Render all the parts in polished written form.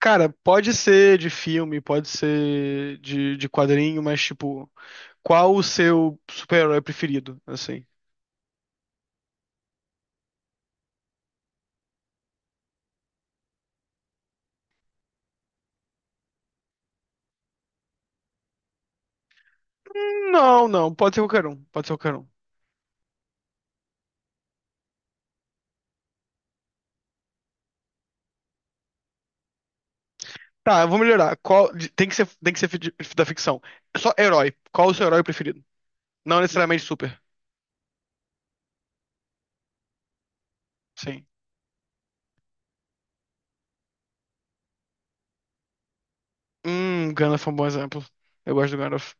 Cara, pode ser de filme, pode ser de quadrinho, mas tipo, qual o seu super-herói preferido, assim? Não, não, pode ser qualquer um, pode ser qualquer um. Tá, eu vou melhorar. Qual, tem que ser da ficção. É só herói. Qual o seu herói preferido? Não necessariamente super. Sim. Gandalf é um bom exemplo. Eu gosto do Gandalf.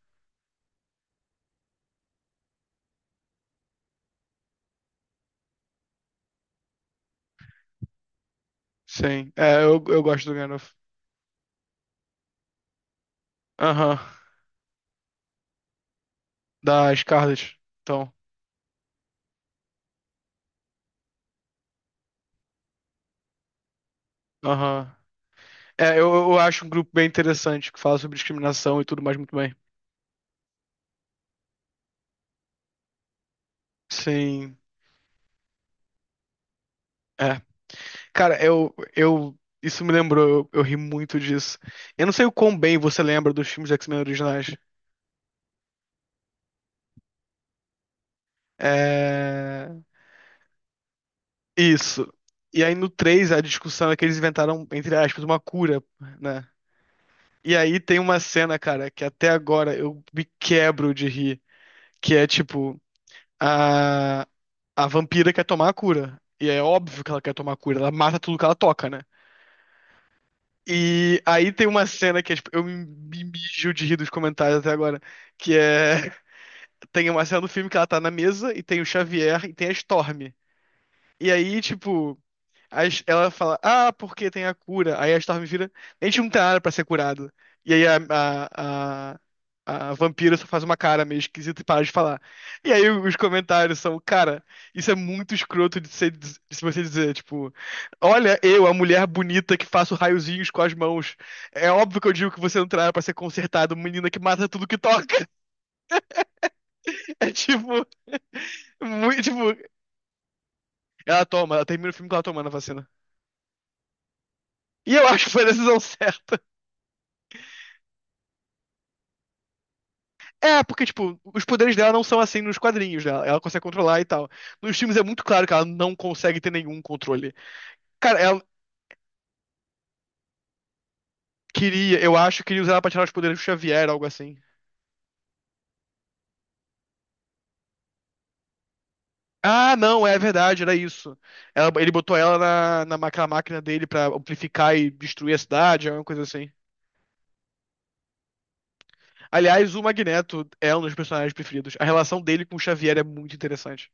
Sim. Eu gosto do Gandalf. Aham. Da Scarlet. Então, aham. É, eu acho um grupo bem interessante que fala sobre discriminação e tudo mais muito bem. Sim. É. Cara, eu, eu. isso me lembrou, eu ri muito disso. Eu não sei o quão bem você lembra dos filmes de X-Men originais. É. Isso. E aí no 3 a discussão é que eles inventaram, entre aspas, uma cura, né? E aí tem uma cena, cara, que até agora eu me quebro de rir, que é tipo, a, a vampira quer tomar a cura. E é óbvio que ela quer tomar a cura, ela mata tudo que ela toca, né? E aí tem uma cena que é, tipo, eu me mijo de rir dos comentários até agora, que é tem uma cena do filme que ela tá na mesa e tem o Xavier e tem a Storm. E aí, tipo, ela fala, ah, porque tem a cura. Aí a Storm vira, a gente não tem nada pra ser curado. E aí a vampira só faz uma cara meio esquisita e para de falar. E aí os comentários são, cara, isso é muito escroto de, ser, de se você dizer, tipo, olha eu, a mulher bonita que faço raiozinhos com as mãos. É óbvio que eu digo que você não tem nada pra ser consertado, menina que mata tudo que toca. É tipo, muito, tipo, ela toma, ela termina o filme com ela tomando a vacina. E eu acho que foi a decisão certa. É, porque, tipo, os poderes dela não são assim nos quadrinhos dela. Ela consegue controlar e tal. Nos filmes é muito claro que ela não consegue ter nenhum controle. Cara, ela queria, eu acho, queria usar ela pra tirar os poderes do Xavier, algo assim. Ah, não, é verdade, era isso. Ele botou ela na máquina, máquina dele pra amplificar e destruir a cidade, alguma coisa assim. Aliás, o Magneto é um dos personagens preferidos. A relação dele com o Xavier é muito interessante.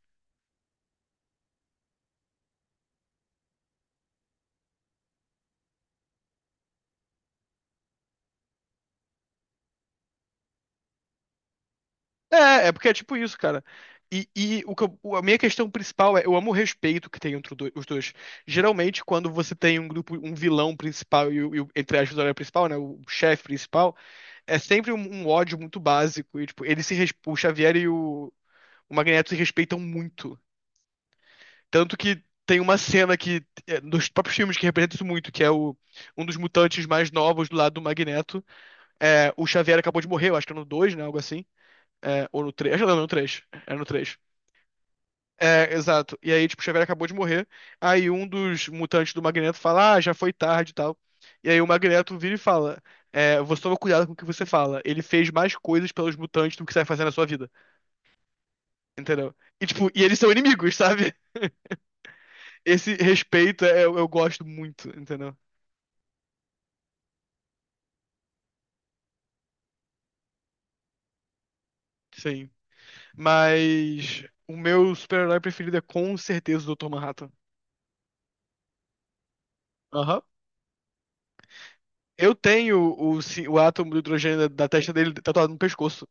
É, é porque é tipo isso, cara. E o que a minha questão principal é, eu amo o respeito que tem entre os dois. Geralmente, quando você tem um grupo, um vilão principal e, entre aspas, o herói principal, né, o chefe principal, é sempre um, um ódio muito básico. E, tipo, eles se, o Xavier e o Magneto se respeitam muito. Tanto que tem uma cena que, é, nos próprios filmes que representa isso muito, que é o, um dos mutantes mais novos do lado do Magneto. É, o Xavier acabou de morrer, eu acho que é no 2, né, algo assim. É, ou no 3. Acho que não, no 3. É no 3. É, exato. E aí, tipo, o Xavier acabou de morrer. Aí um dos mutantes do Magneto fala, ah, já foi tarde e tal. E aí o Magneto vira e fala, é, você toma cuidado com o que você fala. Ele fez mais coisas pelos mutantes do que você vai fazer na sua vida. Entendeu? E, tipo, e eles são inimigos, sabe? Esse respeito é, eu gosto muito, entendeu? Sim. Mas o meu super-herói preferido é com certeza o Dr. Manhattan. Aham. Eu tenho o, o átomo do hidrogênio da testa dele tatuado no pescoço,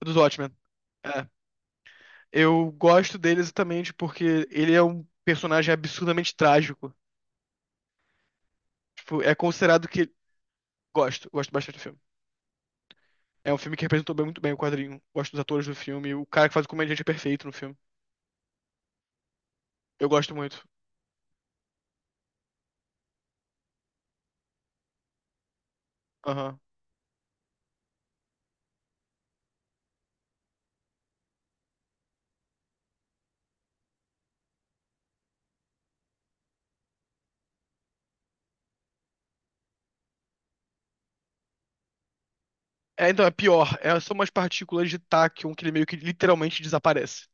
dos Watchmen. É. Eu gosto dele exatamente porque ele é um personagem absurdamente trágico. Tipo, é considerado que. Gosto, gosto bastante do filme. É um filme que representou muito bem o quadrinho. Gosto dos atores do filme. O cara que faz o comediante é perfeito no filme. Eu gosto muito. Aham. É, então, é pior. É, são umas partículas de Tachyon que ele meio que literalmente desaparece.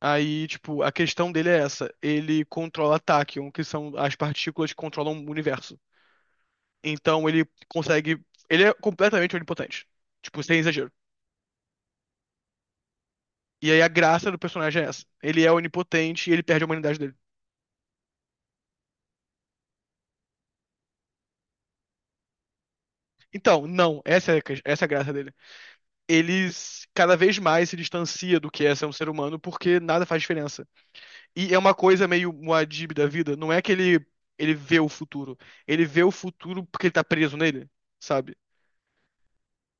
Aí, tipo, a questão dele é essa. Ele controla Tachyon, que são as partículas que controlam o universo. Então ele consegue. Ele é completamente onipotente. Tipo, sem exagero. E aí a graça do personagem é essa. Ele é onipotente e ele perde a humanidade dele. Então, não, essa é, a essa é a graça dele. Cada vez mais se distancia do que é ser um ser humano porque nada faz diferença. E é uma coisa meio Muad'Dib da vida. Não é que ele vê o futuro. Ele vê o futuro porque ele tá preso nele, sabe?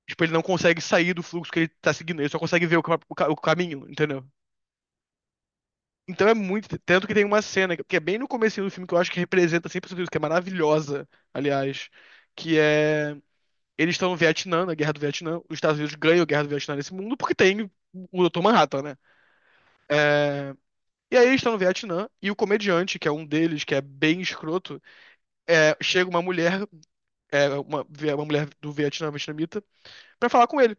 Tipo, ele não consegue sair do fluxo que ele tá seguindo. Ele só consegue ver o, o caminho, entendeu? Então é muito. Tanto que tem uma cena, que é bem no comecinho do filme, que eu acho que representa 100% isso, que é maravilhosa, aliás, que é eles estão no Vietnã, na Guerra do Vietnã. Os Estados Unidos ganham a Guerra do Vietnã nesse mundo porque tem o Dr. Manhattan, né? É, e aí eles estão no Vietnã e o comediante, que é um deles, que é bem escroto, é, chega uma mulher, é, uma mulher do Vietnã, vietnamita, pra falar com ele.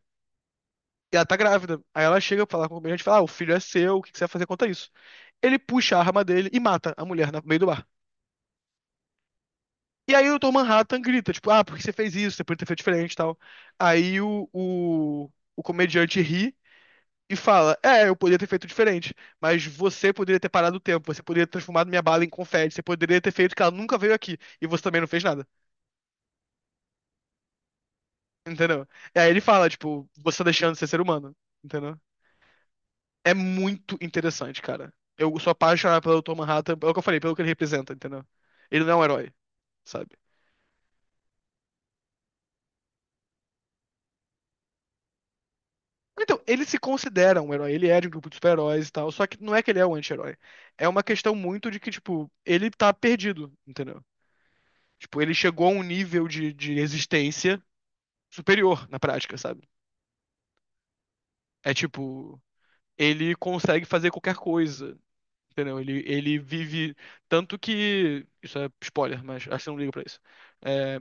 E ela tá grávida. Aí ela chega pra falar com o comediante e fala: ah, o filho é seu, o que que você vai fazer contra isso? Ele puxa a arma dele e mata a mulher no meio do bar. E aí o Dr. Manhattan grita, tipo, ah, por que você fez isso? Você podia ter feito diferente e tal. Aí o comediante ri e fala: é, eu poderia ter feito diferente, mas você poderia ter parado o tempo, você poderia ter transformado minha bala em confete, você poderia ter feito que ela nunca veio aqui, e você também não fez nada, entendeu? E aí ele fala: tipo, você tá deixando de ser ser humano, entendeu? É muito interessante, cara. Eu sou apaixonado pelo Dr. Manhattan, pelo que eu falei, pelo que ele representa, entendeu? Ele não é um herói, sabe? Então, ele se considera um herói, ele é de um grupo de super-heróis e tal, só que não é que ele é um anti-herói. É uma questão muito de que, tipo, ele tá perdido, entendeu? Tipo, ele chegou a um nível de existência superior na prática, sabe? É tipo, ele consegue fazer qualquer coisa, entendeu? Ele vive. Tanto que. Isso é spoiler, mas acho que eu não ligo pra isso. É,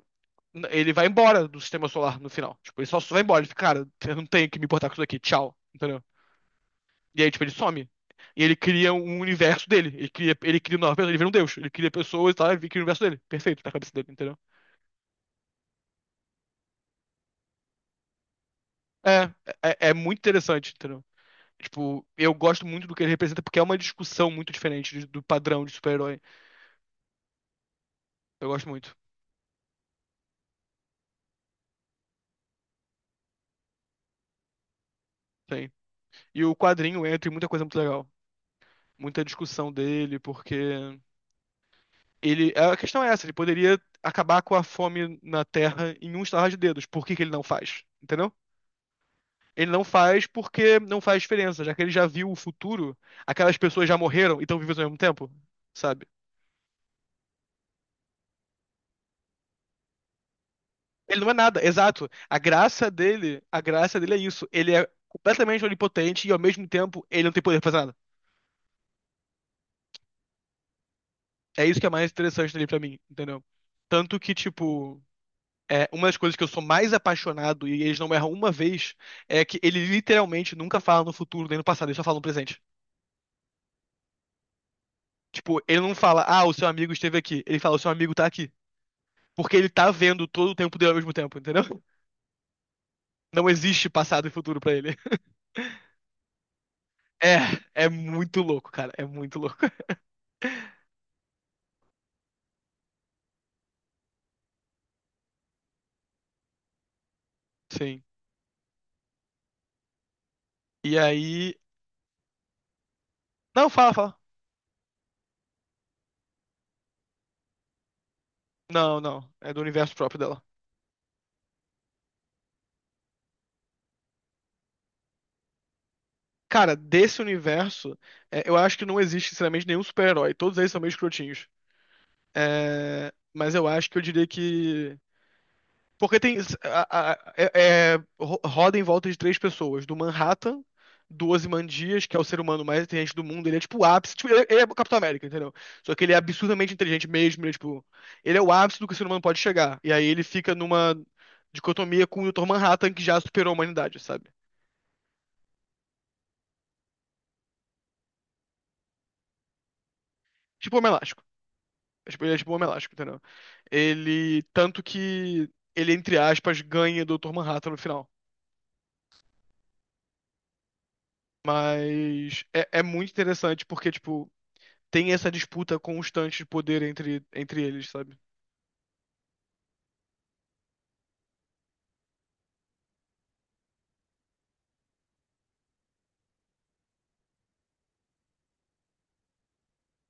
ele vai embora do sistema solar no final. Tipo, ele só vai embora. Ele fica, cara, eu não tenho que me importar com isso aqui, tchau, entendeu? E aí, tipo, ele some. E ele cria um universo dele. Ele cria nova pessoa, ele vira um deus. Ele cria pessoas e tal, ele cria o universo dele. Perfeito, tá na cabeça dele, entendeu? É, é muito interessante, entendeu? Tipo, eu gosto muito do que ele representa, porque é uma discussão muito diferente do padrão de super-herói. Eu gosto muito, sim. E o quadrinho entra em muita coisa muito legal. Muita discussão dele, porque ele. A questão é essa, ele poderia acabar com a fome na Terra em um estalar de dedos. Por que que ele não faz? Entendeu? Ele não faz porque não faz diferença, já que ele já viu o futuro, aquelas pessoas já morreram e estão vivas ao mesmo tempo, sabe? Ele não é nada, exato. A graça dele é isso. Ele é completamente onipotente e ao mesmo tempo ele não tem poder pra fazer nada. É isso que é mais interessante dele pra mim, entendeu? Tanto que, tipo, é, uma das coisas que eu sou mais apaixonado e eles não erram uma vez é que ele literalmente nunca fala no futuro nem no passado, ele só fala no presente. Tipo, ele não fala, ah, o seu amigo esteve aqui. Ele fala, o seu amigo tá aqui. Porque ele tá vendo todo o tempo dele ao mesmo tempo, entendeu? Não existe passado e futuro pra ele. É, é muito louco, cara. É muito louco. Sim. E aí. Não, fala, fala. Não, não. É do universo próprio dela. Cara, desse universo, é, eu acho que não existe, sinceramente, nenhum super-herói. Todos eles são meio escrotinhos. É, mas eu acho que eu diria que. Porque tem. a- a- é- roda em volta de três pessoas: do Manhattan, do Ozymandias, que é o ser humano mais inteligente do mundo. Ele é tipo o ápice. Tipo, ele, ele é o Capitão América, entendeu? Só que ele é absurdamente inteligente mesmo. Ele é, tipo, ele é o ápice do que o ser humano pode chegar. E aí ele fica numa dicotomia com o Dr. Manhattan, que já superou a humanidade, sabe? Tipo o Homem Elástico. É, tipo, ele é tipo o Homem Elástico, entendeu? Ele. Tanto que ele, entre aspas, ganha do Dr. Manhattan no final. Mas é, é muito interessante porque, tipo, tem essa disputa constante de poder entre eles, sabe?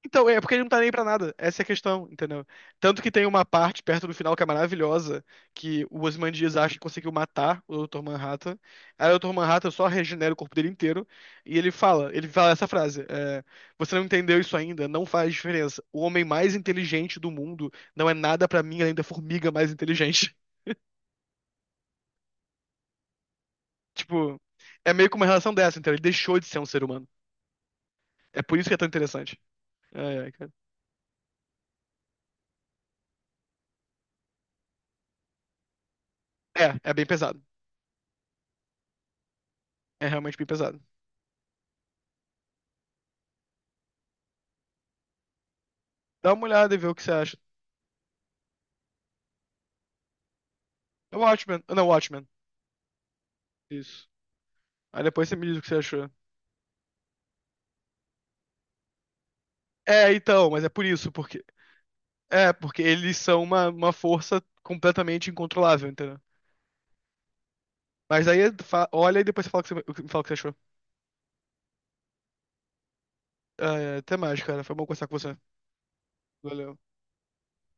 Então, é porque ele não tá nem pra nada. Essa é a questão, entendeu? Tanto que tem uma parte perto do final que é maravilhosa, que o Ozymandias acha que conseguiu matar o Dr. Manhattan. Aí o Dr. Manhattan só regenera o corpo dele inteiro. E ele fala essa frase: é, você não entendeu isso ainda, não faz diferença. O homem mais inteligente do mundo não é nada pra mim além da formiga mais inteligente. Tipo, é meio que uma relação dessa, entendeu? Ele deixou de ser um ser humano. É por isso que é tão interessante. Ai, ai, cara. É, é bem pesado. É realmente bem pesado. Dá uma olhada e vê o que você acha. É Watchmen. Ah, não, Watchmen. Isso. Aí depois você me diz o que você achou. É, então, mas é por isso, porque. É, porque eles são uma força completamente incontrolável, entendeu? Mas aí olha e depois você fala o que você, me fala o que você achou. Ah, é, até mais, cara. Foi bom conversar com você. Valeu.